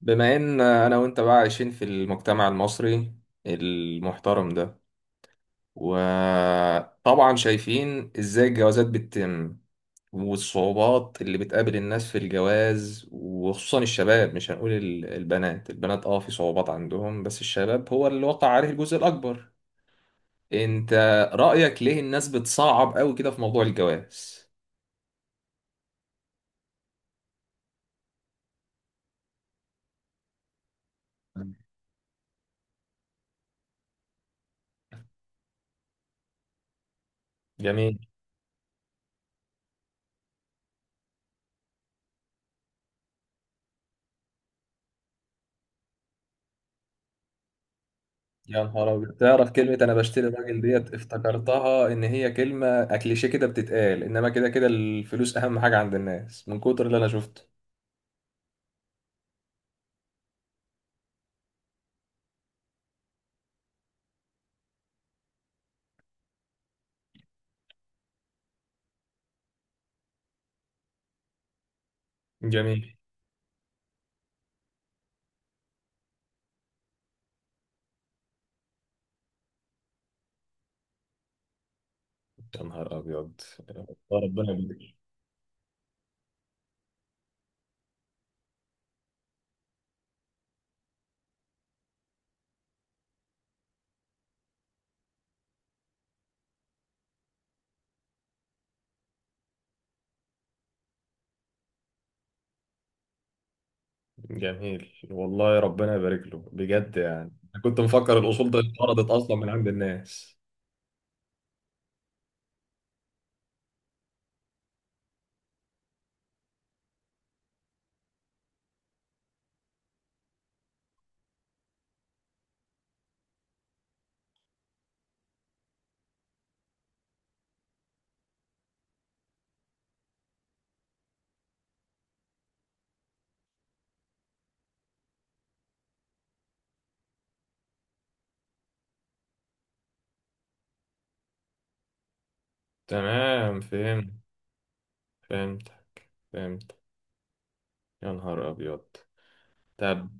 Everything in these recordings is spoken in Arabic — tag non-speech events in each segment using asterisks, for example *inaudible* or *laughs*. بما ان انا وانت بقى عايشين في المجتمع المصري المحترم ده، وطبعا شايفين ازاي الجوازات بتتم والصعوبات اللي بتقابل الناس في الجواز، وخصوصا الشباب. مش هنقول البنات، في صعوبات عندهم، بس الشباب هو اللي وقع عليه الجزء الاكبر. انت رأيك ليه الناس بتصعب قوي كده في موضوع الجواز؟ جميل. يا نهار أبيض، تعرف كلمة أنا بشتري الراجل ديت افتكرتها إن هي كلمة كليشيه كده بتتقال، إنما كده كده الفلوس أهم حاجة عند الناس، من كتر اللي أنا شفته. جميل. يا نهار أبيض. والله ربنا يبارك له. جميل والله ربنا يبارك له بجد. يعني أنا كنت مفكر الأصول ده اتقرضت أصلا من عند الناس. تمام، فهمت. فهمت. فهمت. يا نهار أبيض. طب.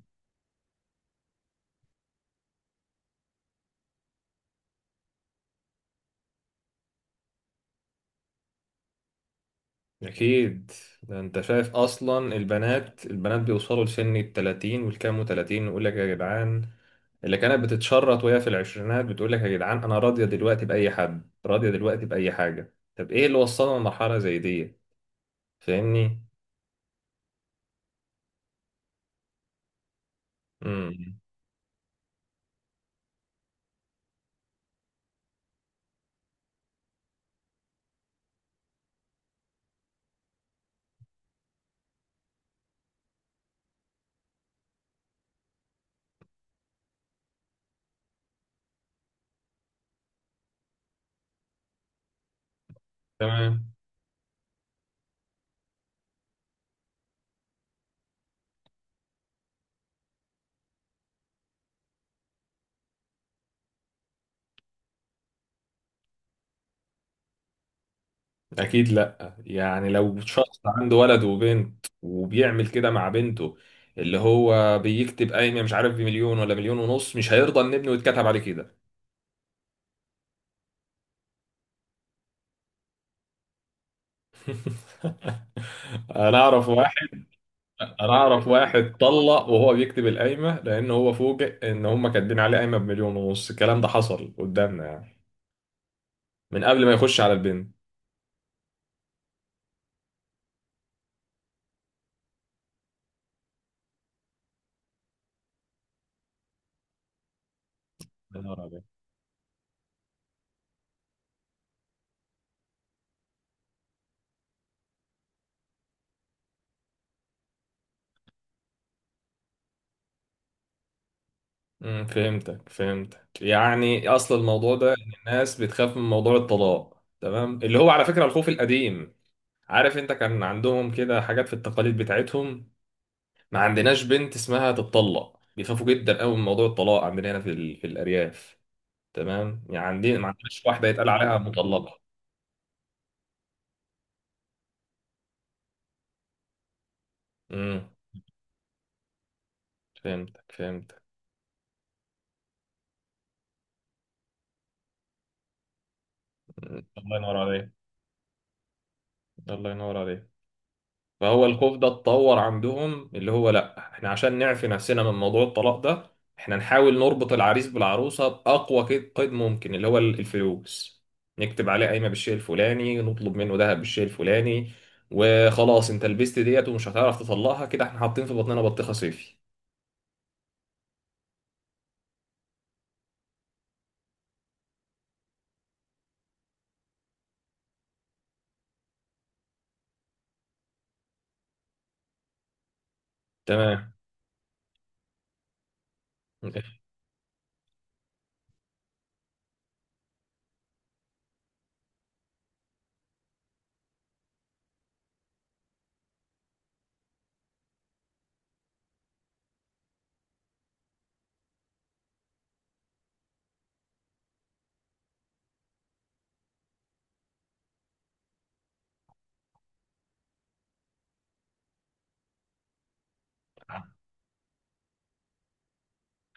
أكيد. ده أنت شايف أصلا البنات بيوصلوا لسن التلاتين والكام وتلاتين، ويقول لك يا جدعان اللي كانت بتتشرط وهي في العشرينات بتقول لك يا جدعان أنا راضية دلوقتي بأي حد، راضية دلوقتي بأي حاجة. طب إيه اللي وصلنا لمرحلة زي دي؟ فاهمني؟ امم تمام. أكيد لأ، يعني لو شخص عنده ولد وبنت وبيعمل كده مع بنته، اللي هو بيكتب قايمة مش عارف بمليون ولا مليون ونص، مش هيرضى إن ابنه يتكتب عليه كده. انا اعرف واحد انا اعرف واحد طلق وهو بيكتب القايمه، لان هو فوجئ ان هم كاتبين عليه قايمه بمليون ونص. الكلام ده حصل قدامنا يعني، من قبل ما يخش على البنت. يا نهار أبيض. فهمتك، فهمتك. يعني اصل الموضوع ده ان الناس بتخاف من موضوع الطلاق، تمام، اللي هو على فكره الخوف القديم. عارف انت، كان عندهم كده حاجات في التقاليد بتاعتهم، ما عندناش بنت اسمها تتطلق. بيخافوا جدا قوي من موضوع الطلاق عندنا هنا في في الارياف. تمام، يعني عندي ما عندناش واحدة يتقال عليها مطلقة. امم فهمتك، فهمتك. مم. الله ينور عليك. الله ينور عليك. فهو الخوف ده اتطور عندهم، اللي هو لا احنا عشان نعفي نفسنا من موضوع الطلاق ده، احنا نحاول نربط العريس بالعروسة بأقوى قيد، قيد ممكن اللي هو الفلوس. نكتب عليه قايمة بالشيء الفلاني، نطلب منه ذهب بالشيء الفلاني. وخلاص انت لبست ديت، ومش هتعرف تطلقها، كده احنا حاطين في بطننا بطيخة صيفي. تمام.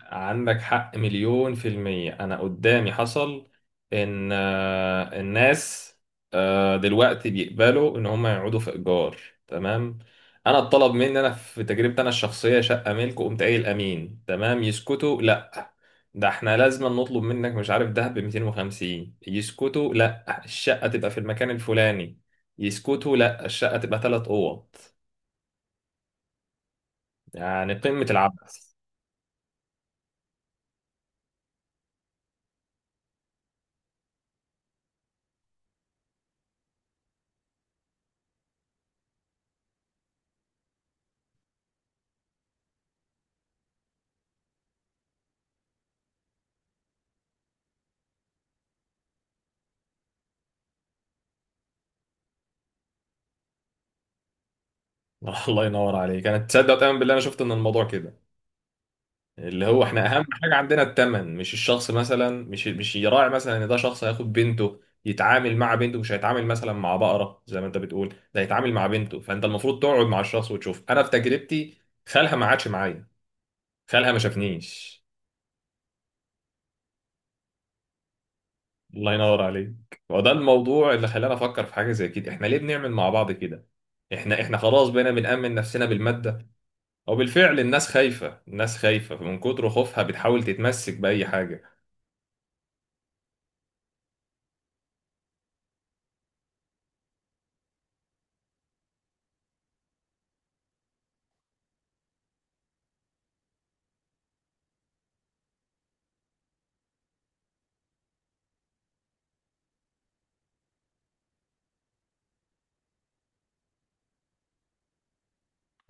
عندك حق، مليون في المية. أنا قدامي حصل إن الناس دلوقتي بيقبلوا إن هم يقعدوا في إيجار. تمام. أنا اتطلب مني، أنا في تجربتي أنا الشخصية، شقة ملك. وقمت قايل أمين، تمام. يسكتوا؟ لأ، ده إحنا لازم نطلب منك مش عارف ده ب 250. يسكتوا؟ لأ، الشقة تبقى في المكان الفلاني. يسكتوا؟ لأ، الشقة تبقى 3 أوض. يعني قمة العبث. *laughs* الله ينور عليك. أنا تصدق وتؤمن بالله، أنا شفت إن الموضوع كده، اللي هو احنا اهم حاجه عندنا الثمن مش الشخص. مثلا مش يراعي مثلا ان ده شخص هياخد بنته، يتعامل مع بنته، مش هيتعامل مثلا مع بقره زي ما انت بتقول. ده هيتعامل مع بنته، فانت المفروض تقعد مع الشخص وتشوف. انا في تجربتي، خالها ما عادش معايا، خالها ما شافنيش. الله ينور عليك. وده الموضوع اللي خلاني افكر في حاجه زي كده، احنا ليه بنعمل مع بعض كده؟ احنا خلاص بقينا بنأمن نفسنا بالماده. وبالفعل الناس خايفه، الناس خايفه، من كتر خوفها بتحاول تتمسك بأي حاجه.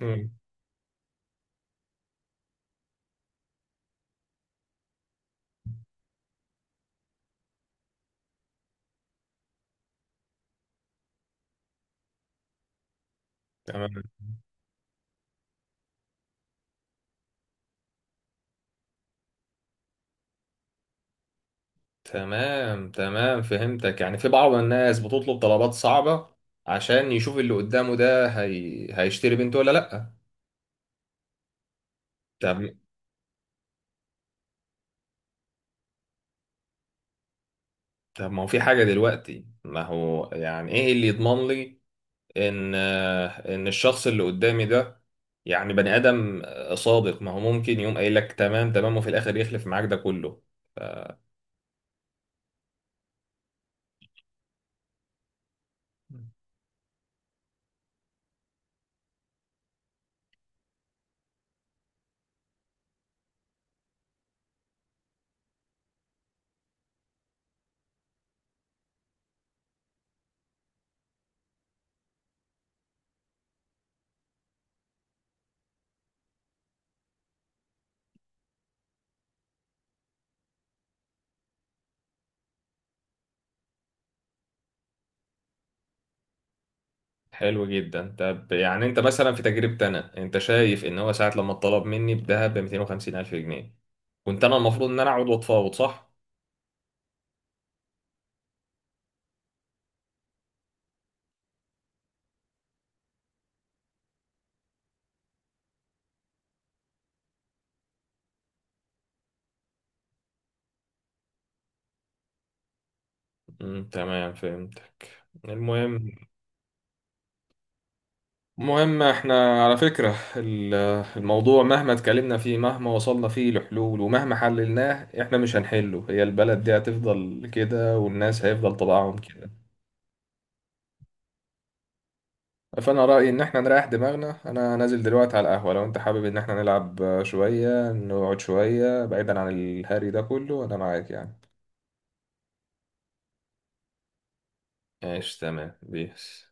امم تمام، تمام، تمام، فهمتك. يعني في بعض الناس بتطلب طلبات صعبة عشان يشوف اللي قدامه ده هيشتري بنته ولا لأ. طب طب، ما هو في حاجة دلوقتي، ما هو يعني ايه اللي يضمن لي ان ان الشخص اللي قدامي ده يعني بني آدم صادق؟ ما هو ممكن يقوم قايل لك تمام، تمام، وفي الآخر يخلف معاك ده كله. حلو جدا. طب يعني انت مثلا في تجربتي انا، انت شايف ان هو ساعة لما اتطلب مني بذهب ب 250 الف جنيه، كنت انا المفروض ان انا اقعد واتفاوض، صح؟ تمام، فهمت. المهم المهم، احنا على فكرة الموضوع، مهما اتكلمنا فيه، مهما وصلنا فيه لحلول، ومهما حللناه، احنا مش هنحله. هي البلد دي هتفضل كده، والناس هيفضل طبعهم كده. فانا رايي ان احنا نريح دماغنا. انا نازل دلوقتي على القهوه، لو انت حابب ان احنا نلعب شويه، نقعد شويه بعيدا عن الهري ده كله، انا معاك يعني. ايش تمام بيس.